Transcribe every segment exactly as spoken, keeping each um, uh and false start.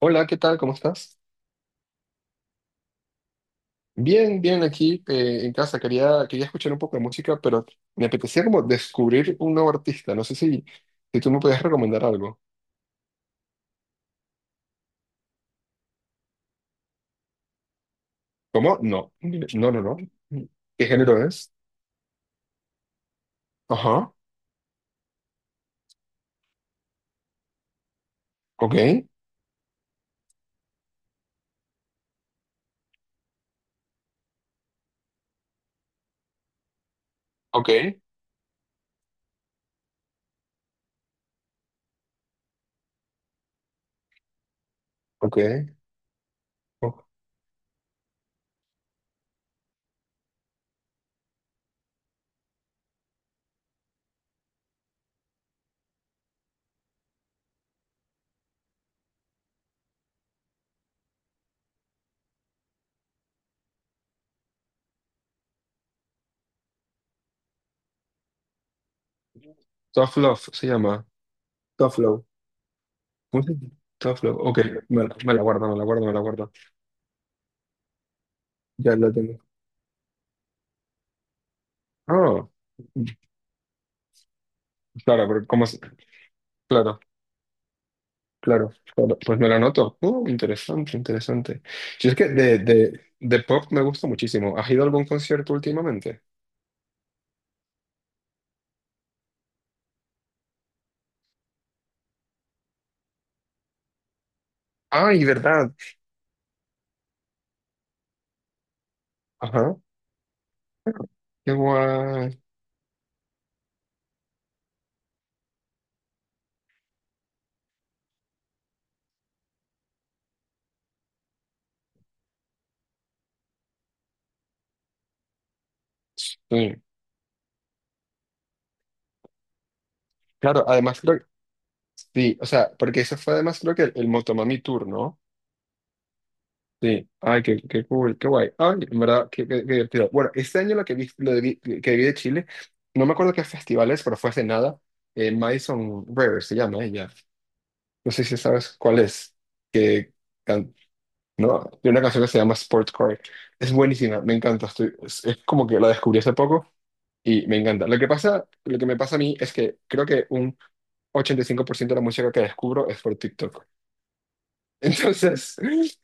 Hola, ¿qué tal? ¿Cómo estás? Bien, bien, aquí eh, en casa. Quería, quería escuchar un poco de música, pero me apetecía como descubrir un nuevo artista. No sé si, si tú me puedes recomendar algo. ¿Cómo? No, no, no, no. ¿Qué género es? Ajá, ok, ok, ok. Oh, Tough Love se llama. Tough Love. ¿Cómo se llama? Tough Love, ok. Me, la me la guardo, me la guardo, me la guardo. Ya la tengo. Ah, claro, pero ¿cómo se- Claro. Claro, claro. Pues me lo anoto. Uh, interesante, interesante. Si es que de, de, de pop me gusta muchísimo. ¿Has ido a algún concierto últimamente? Ay, ¿verdad? Ajá. Qué guay. Sí. Claro, además creo que... Sí, o sea, porque eso fue además creo que el, el Motomami Tour, ¿no? Sí. Ay, qué, qué cool, qué guay. Ay, en verdad, qué, qué- qué divertido. Bueno, este año lo que vi, lo de vi- que vi de Chile, no me acuerdo qué festivales, pero fue hace nada. Eh, Madison River se llama ella. No sé si sabes cuál es. Que can- no, de una canción que se llama Sportcore. Es buenísima, me encanta. estoy- es, es como que la descubrí hace poco y me encanta. Lo que pasa, lo que me pasa a mí es que creo que un ochenta y cinco por ciento de la música que descubro es por TikTok. Entonces,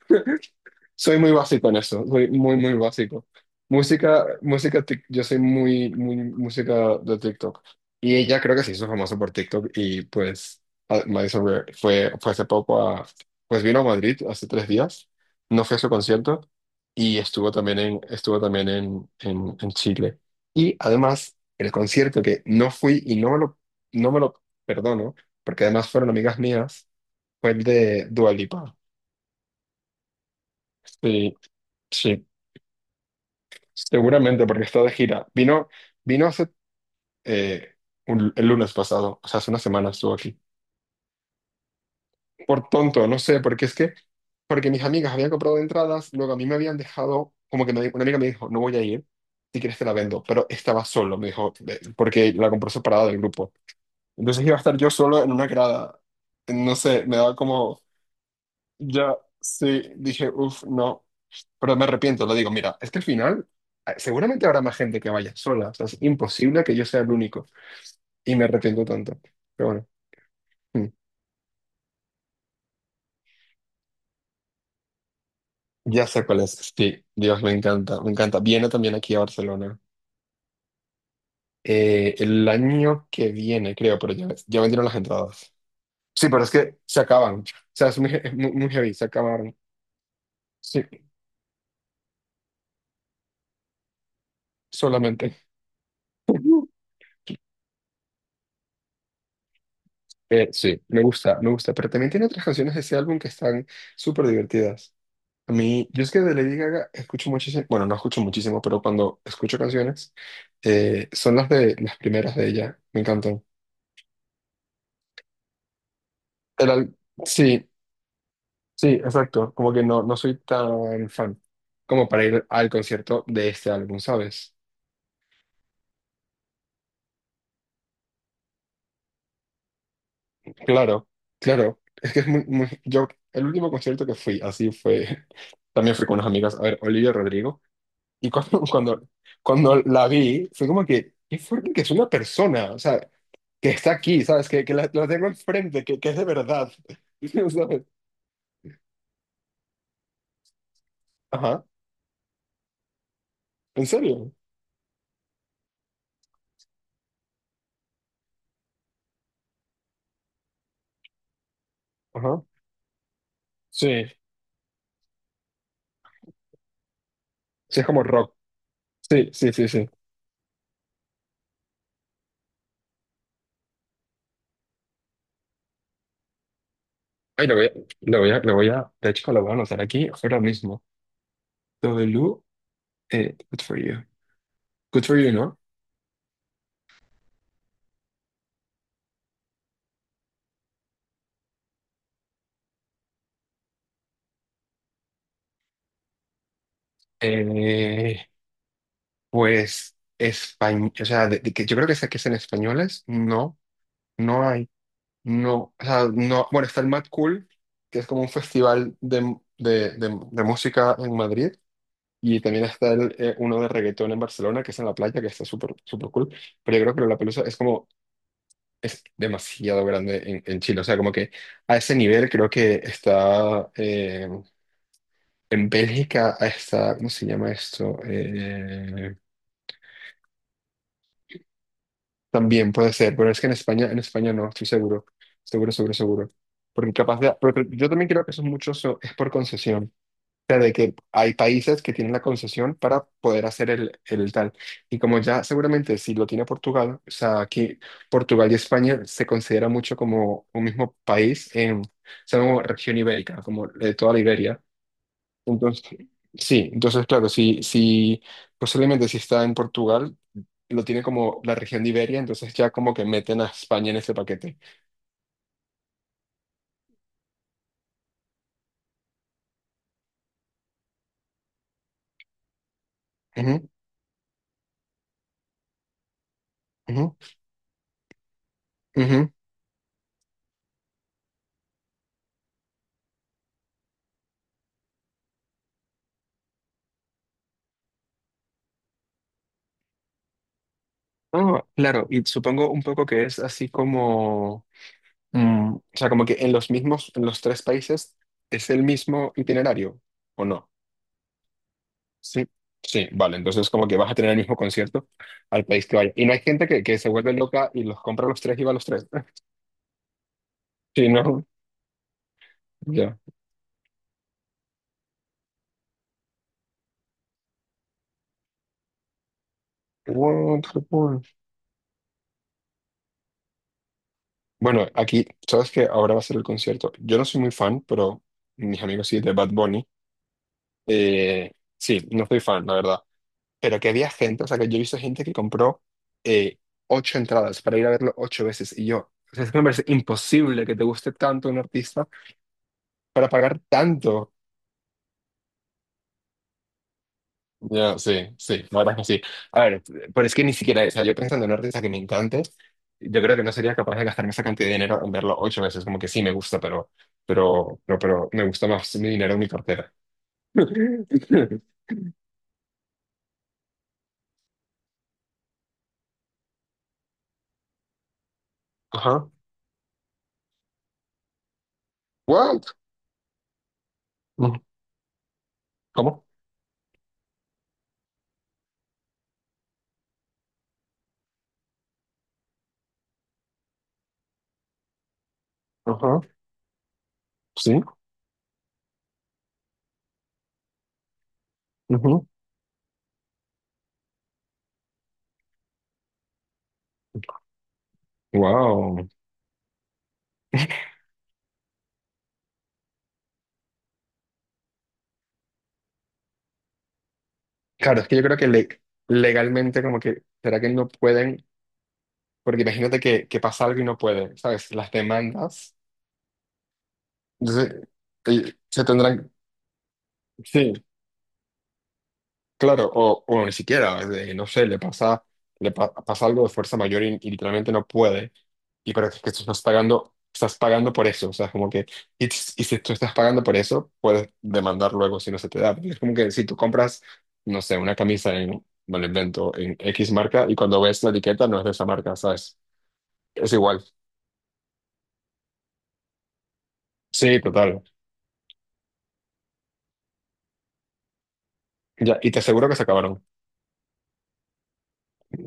Soy muy básico en eso, soy muy, muy básico. Música, música, tic- yo soy muy, muy música de TikTok. Y ella creo que se hizo famosa por TikTok y pues a- Madison Beer fue, fue hace poco a, pues vino a Madrid hace tres días, no fue a su concierto y estuvo también en, estuvo también en, en, en Chile. Y además, el concierto que no fui y no me lo, no me lo perdono, porque además fueron amigas mías, fue el de Dua Lipa. Sí, sí. Seguramente, porque está de gira. Vino, vino hace eh, un- el lunes pasado, o sea, hace una semana estuvo aquí. Por tonto, no sé, porque es que, porque mis amigas habían comprado entradas, luego a mí me habían dejado, como que me di- una amiga me dijo, no voy a ir, si quieres te la vendo, pero estaba solo, me dijo, "Ve", porque la compró separada del grupo. Entonces iba a estar yo solo en una grada, no sé, me daba como, ya, sí, dije, uff, no, pero me arrepiento, le digo, mira, es que al final... eh, Seguramente habrá más gente que vaya sola, o sea, es imposible que yo sea el único. Y me arrepiento tanto. Pero bueno, mm, ya sé cuál es. Sí, Dios, me encanta, me encanta. Viene también aquí a Barcelona. Eh, el año que viene, creo, pero ya, ya vendieron las entradas. Sí, pero es que se acaban. O sea, es muy, es muy, muy heavy, se acabaron. Sí, solamente. Eh, sí, me gusta, me gusta. Pero también tiene otras canciones de ese álbum que están súper divertidas. A mí, yo es que de Lady Gaga escucho muchísimo, bueno, no escucho muchísimo, pero cuando escucho canciones, eh, son las de las primeras de ella. Me encantan. El al- sí, sí, exacto. Como que no, no soy tan fan como para ir al concierto de este álbum, ¿sabes? Claro, claro. Es que es muy, muy- Yo, el último concierto que fui, así fue, también fui con unas amigas, a ver, Olivia Rodrigo. Y cuando, cuando, cuando la vi, fue como que, qué fuerte que es una persona, o sea, que está aquí, ¿sabes? Que, que la, la tengo enfrente, que, que es de verdad, ¿sabes? Ajá, ¿en serio? Ajá, sí, sí, es como rock. Sí, sí, sí, sí. Ay, lo voy a, lo voy a, lo voy a, de hecho, lo voy a anotar aquí ahora mismo. W, eh, good for you. Good for you, ¿no? Eh, pues, español, o sea, de- de que yo creo que, sea- que sean españoles, no, no hay, no, o sea, no, bueno, está el Mad Cool, que es como un festival de, de, de- de música en Madrid, y también está el, eh, uno de reggaetón en Barcelona, que es en la playa, que está súper, súper cool, pero yo creo que la pelusa es como es demasiado grande en, en Chile. O sea, como que a ese nivel creo que está eh, en Bélgica, está, ¿cómo se llama esto? Eh, también puede ser, pero es que en España, en España no, estoy seguro, seguro, seguro, seguro. Porque capaz de, porque yo también creo que eso mucho so- es por concesión. Sea, de que hay países que tienen la concesión para poder hacer el, el tal. Y como ya seguramente si lo tiene Portugal, o sea, aquí Portugal y España se considera mucho como un mismo país en, o sea, como región ibérica, como de toda la Iberia. Entonces, sí, entonces claro, si, si posiblemente si está en Portugal, lo tiene como la región de Iberia, entonces ya como que meten a España en ese paquete. Ujú, ujú, ujú. Ah, claro, y supongo un poco que es así como... Mm, o sea, como que en los mismos, en los tres países es el mismo itinerario, ¿o no? Sí. Sí, vale, entonces como que vas a tener el mismo concierto al país que vaya. Y no hay gente que, que se vuelve loca y los compra los tres y va a los tres. Sí, no, ya. What the fuck? Bueno, aquí, sabes que ahora va a ser el concierto. Yo no soy muy fan, pero mis amigos sí, de Bad Bunny. Eh, sí, no soy fan, la verdad. Pero que había gente, o sea, que yo he visto gente que compró eh, ocho entradas para ir a verlo ocho veces. Y yo, o sea, es que me parece imposible que te guste tanto un artista para pagar tanto. Ya, sí, sí, la verdad es que sí. A ver, pero es que ni siquiera, o sea, yo pensando en un artista que me encante, yo creo que no sería capaz de gastarme esa cantidad de dinero en verlo ocho veces, como que sí me gusta, pero, pero, pero, pero me gusta más mi dinero en mi cartera. Ajá. What? ¿Cómo? Ajá. Sí. Ujú. Wow. Claro, es que yo creo que le- legalmente como que, ¿será que no pueden? Porque imagínate que, que pasa algo y no pueden, ¿sabes? Las demandas. Entonces, te- se tendrán, sí, claro, o, o ni siquiera, eh, no sé, le pasa, le pa- pasa algo de fuerza mayor y, y literalmente no puede. Y pero es que tú estás pagando, estás pagando por eso. O sea, es como que, y, s- y si tú estás pagando por eso, puedes demandar luego si no se te da. Porque es como que si tú compras, no sé, una camisa en, me lo invento, en X marca y cuando ves la etiqueta no es de esa marca, ¿sabes? Es igual. Sí, total. Ya, y te aseguro que se acabaron.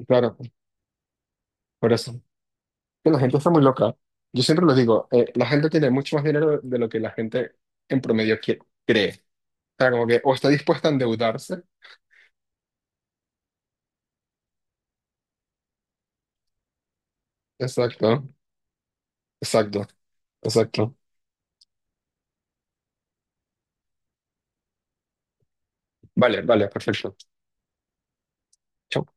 Claro, por eso. Que la gente está muy loca. Yo siempre lo digo, eh, la gente tiene mucho más dinero de lo que la gente en promedio qui- cree. O sea, como que o está dispuesta a endeudarse. Exacto, exacto, exacto. Vale, vale, perfecto. Chao.